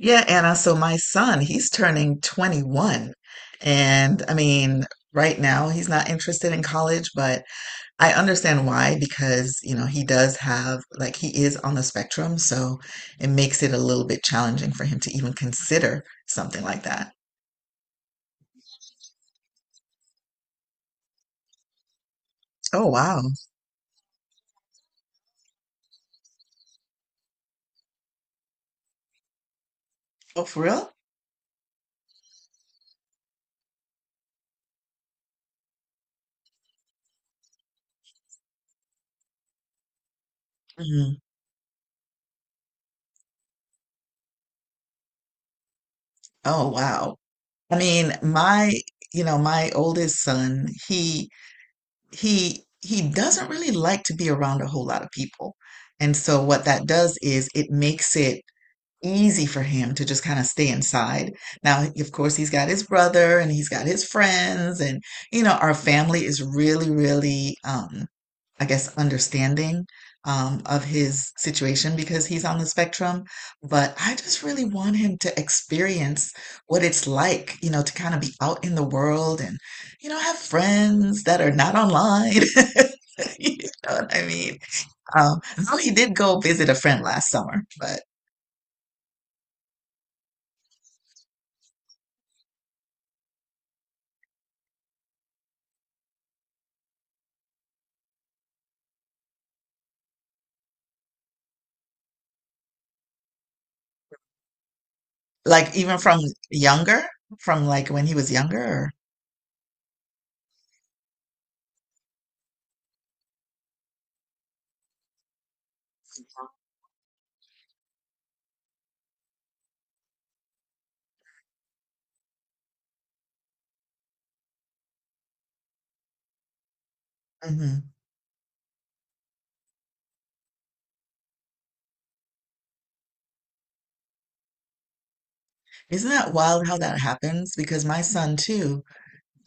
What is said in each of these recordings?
Yeah, Anna. So my son, he's turning 21. And I mean, right now he's not interested in college, but I understand why because, you know, he does have, like, he is on the spectrum. So it makes it a little bit challenging for him to even consider something like that. Oh, wow. Oh, for real? Mhm. Oh, wow. I mean, my, you know, my oldest son, he doesn't really like to be around a whole lot of people. And so what that does is it makes it easy for him to just kind of stay inside. Now, of course, he's got his brother and he's got his friends and you know, our family is really, really I guess, understanding of his situation because he's on the spectrum. But I just really want him to experience what it's like, you know, to kind of be out in the world and, you know, have friends that are not online. You know what I mean? Um, though he did go visit a friend last summer, but like even from younger, from like when he was younger. Mhm. Isn't that wild how that happens? Because my son too,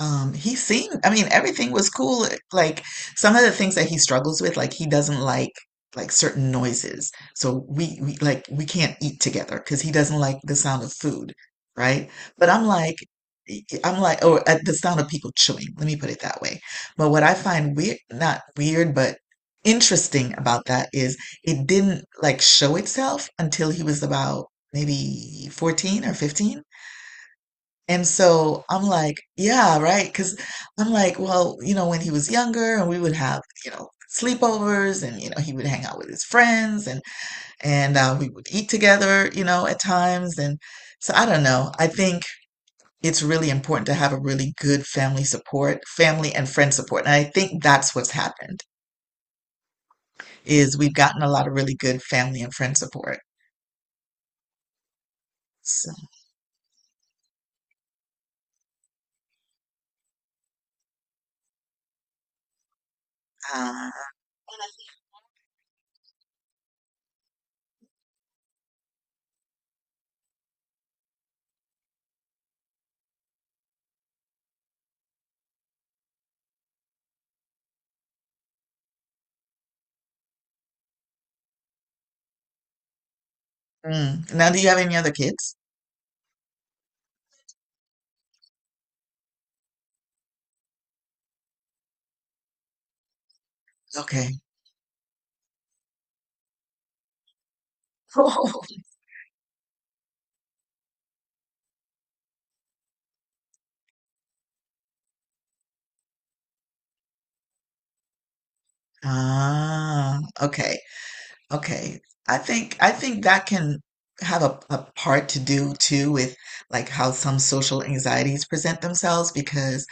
He seemed, I mean, everything was cool. Like some of the things that he struggles with, like he doesn't like certain noises. So we like we can't eat together because he doesn't like the sound of food, right? But I'm like, or the sound of people chewing. Let me put it that way. But what I find weird, not weird, but interesting about that is it didn't like show itself until he was about maybe 14 or 15, and so I'm like, yeah, right. Because I'm like, well, you know, when he was younger and we would have, you know, sleepovers and, you know, he would hang out with his friends and, and we would eat together, you know, at times. And so I don't know. I think it's really important to have a really good family support, family and friend support. And I think that's what's happened is we've gotten a lot of really good family and friend support. So, uh, mm. Now, do you have any other kids? Okay. Ah, okay, okay. I think that can have a part to do too with like how some social anxieties present themselves because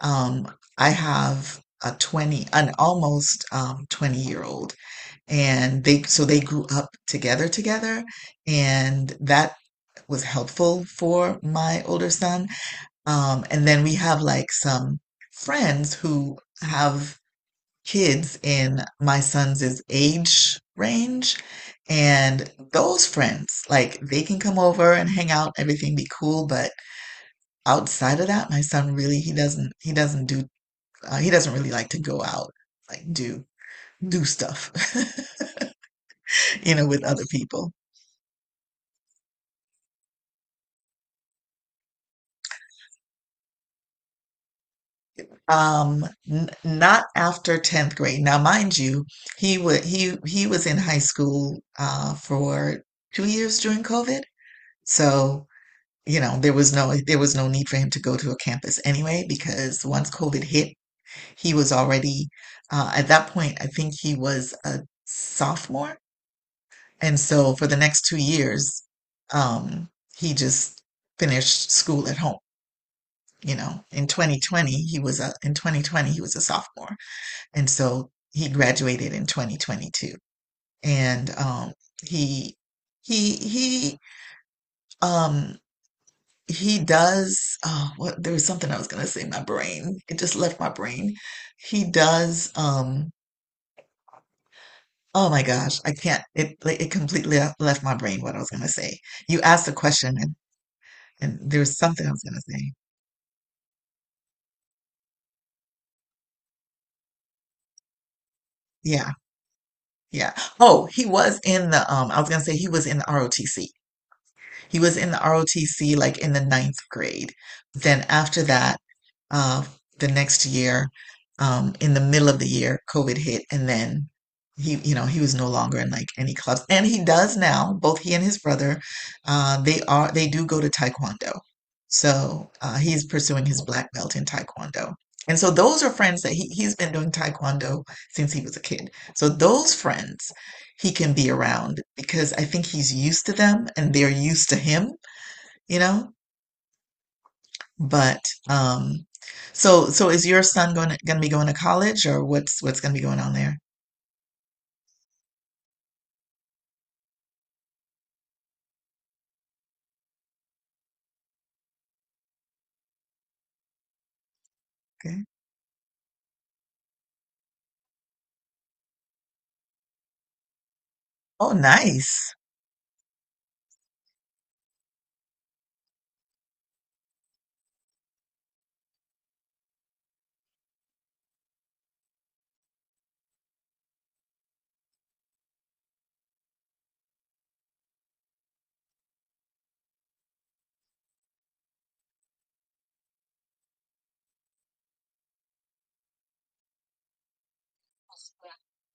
um I have a 20 an almost 20-year old, and they so they grew up together, and that was helpful for my older son. And then we have like some friends who have kids in my son's age range. And those friends, like they can come over and hang out, everything be cool. But outside of that, my son really he doesn't do he doesn't really like to go out like do stuff, you know, with other people. N not after 10th grade. Now, mind you, he would he was in high school for two years during COVID. So you know, there was no need for him to go to a campus anyway. Because once COVID hit, he was already at that point, I think he was a sophomore. And so for the next two years, um, he just finished school at home. You know, in 2020 he was a sophomore, and so he graduated in 2022. And he he he um he does oh what there was something I was gonna say my brain. It just left my brain. He does oh my gosh, I can't it like, it completely left my brain what I was gonna say. You asked a question and there was something I was gonna say. Yeah, yeah. Oh, he was in the I was gonna say he was in the ROTC. He was in the ROTC like in the ninth grade. Then after that, uh, the next year, in the middle of the year, COVID hit, and then he was no longer in like any clubs. And he does now. Both he and his brother, they do go to Taekwondo. So he's pursuing his black belt in Taekwondo. And so those are friends that he's been doing Taekwondo since he was a kid. So those friends he can be around because I think he's used to them and they're used to him, you know? But um so is your son going to be going to college, or what's going to be going on there? Okay. Oh, nice.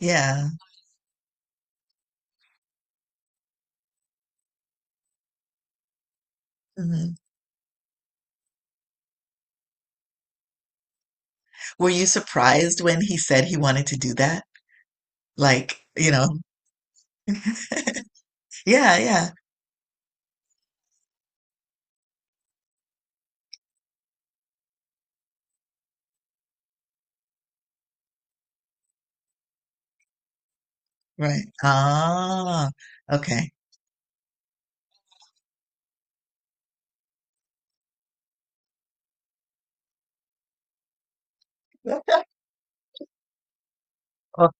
Yeah. Hmm. Were you surprised when he said he wanted to do that? Like, you know. Yeah, yeah. Right. Ah, okay. Well,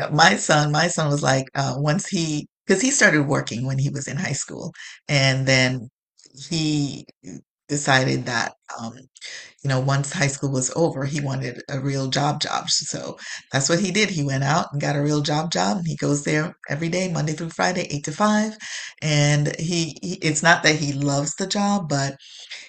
my son was like, once he, because he started working when he was in high school, and then he decided that, um, you know, once high school was over, he wanted a real job job. So that's what he did. He went out and got a real job job, and he goes there every day, Monday through Friday, 8 to 5. And it's not that he loves the job, but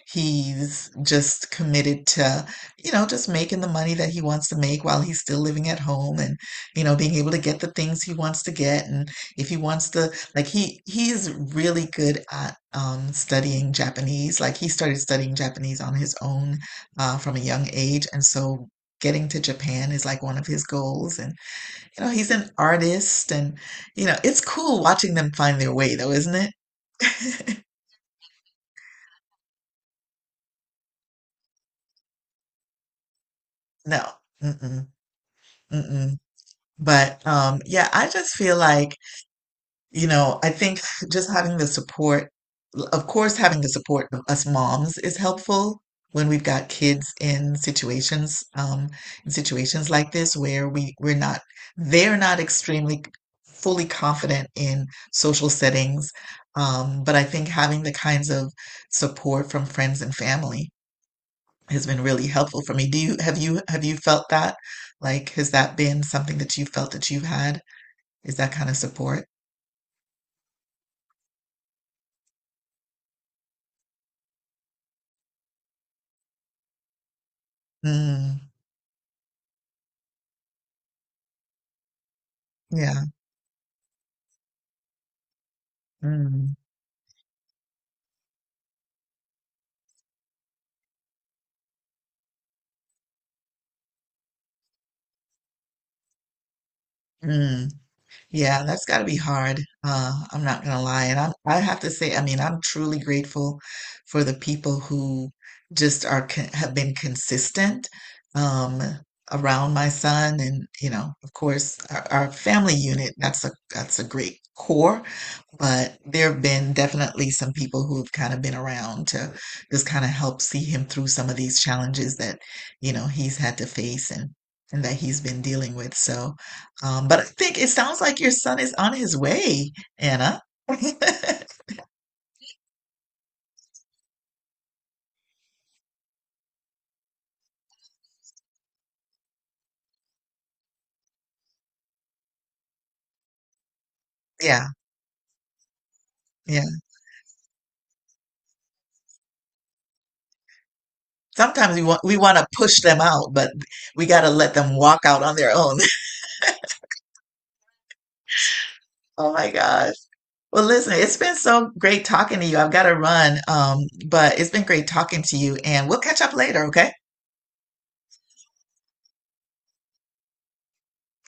he's just committed to, you know, just making the money that he wants to make while he's still living at home and, you know, being able to get the things he wants to get. And if he wants to, like he's really good at studying Japanese. Like he started studying Japanese on his own from a young age. And so getting to Japan is like one of his goals. And, you know, he's an artist and, you know, it's cool watching them find their way though, isn't it? No. Mm-mm. Mm-mm. But yeah, I just feel like, you know, I think just having the support, of course, having the support of us moms is helpful when we've got kids in situations like this where we we're not, they're not extremely fully confident in social settings. But I think having the kinds of support from friends and family has been really helpful for me. Do you have you have you felt that? Like, has that been something that you felt that you've had? Is that kind of support? Mm, yeah. Mm, mm. Yeah, that's got to be hard. I'm not gonna lie. And I have to say, I mean, I'm truly grateful for the people who just are con have been consistent um, around my son, and you know, of course, our family unit. That's a great core. But there have been definitely some people who have kind of been around to just kind of help see him through some of these challenges that, you know, he's had to face and that he's been dealing with. So, but I think it sounds like your son is on his way, Anna. Yeah, yeah. Sometimes we want to push them out, but we got to let them walk out on their own. Oh my gosh. Well, listen, it's been so great talking to you. I've got to run, but it's been great talking to you, and we'll catch up later, okay?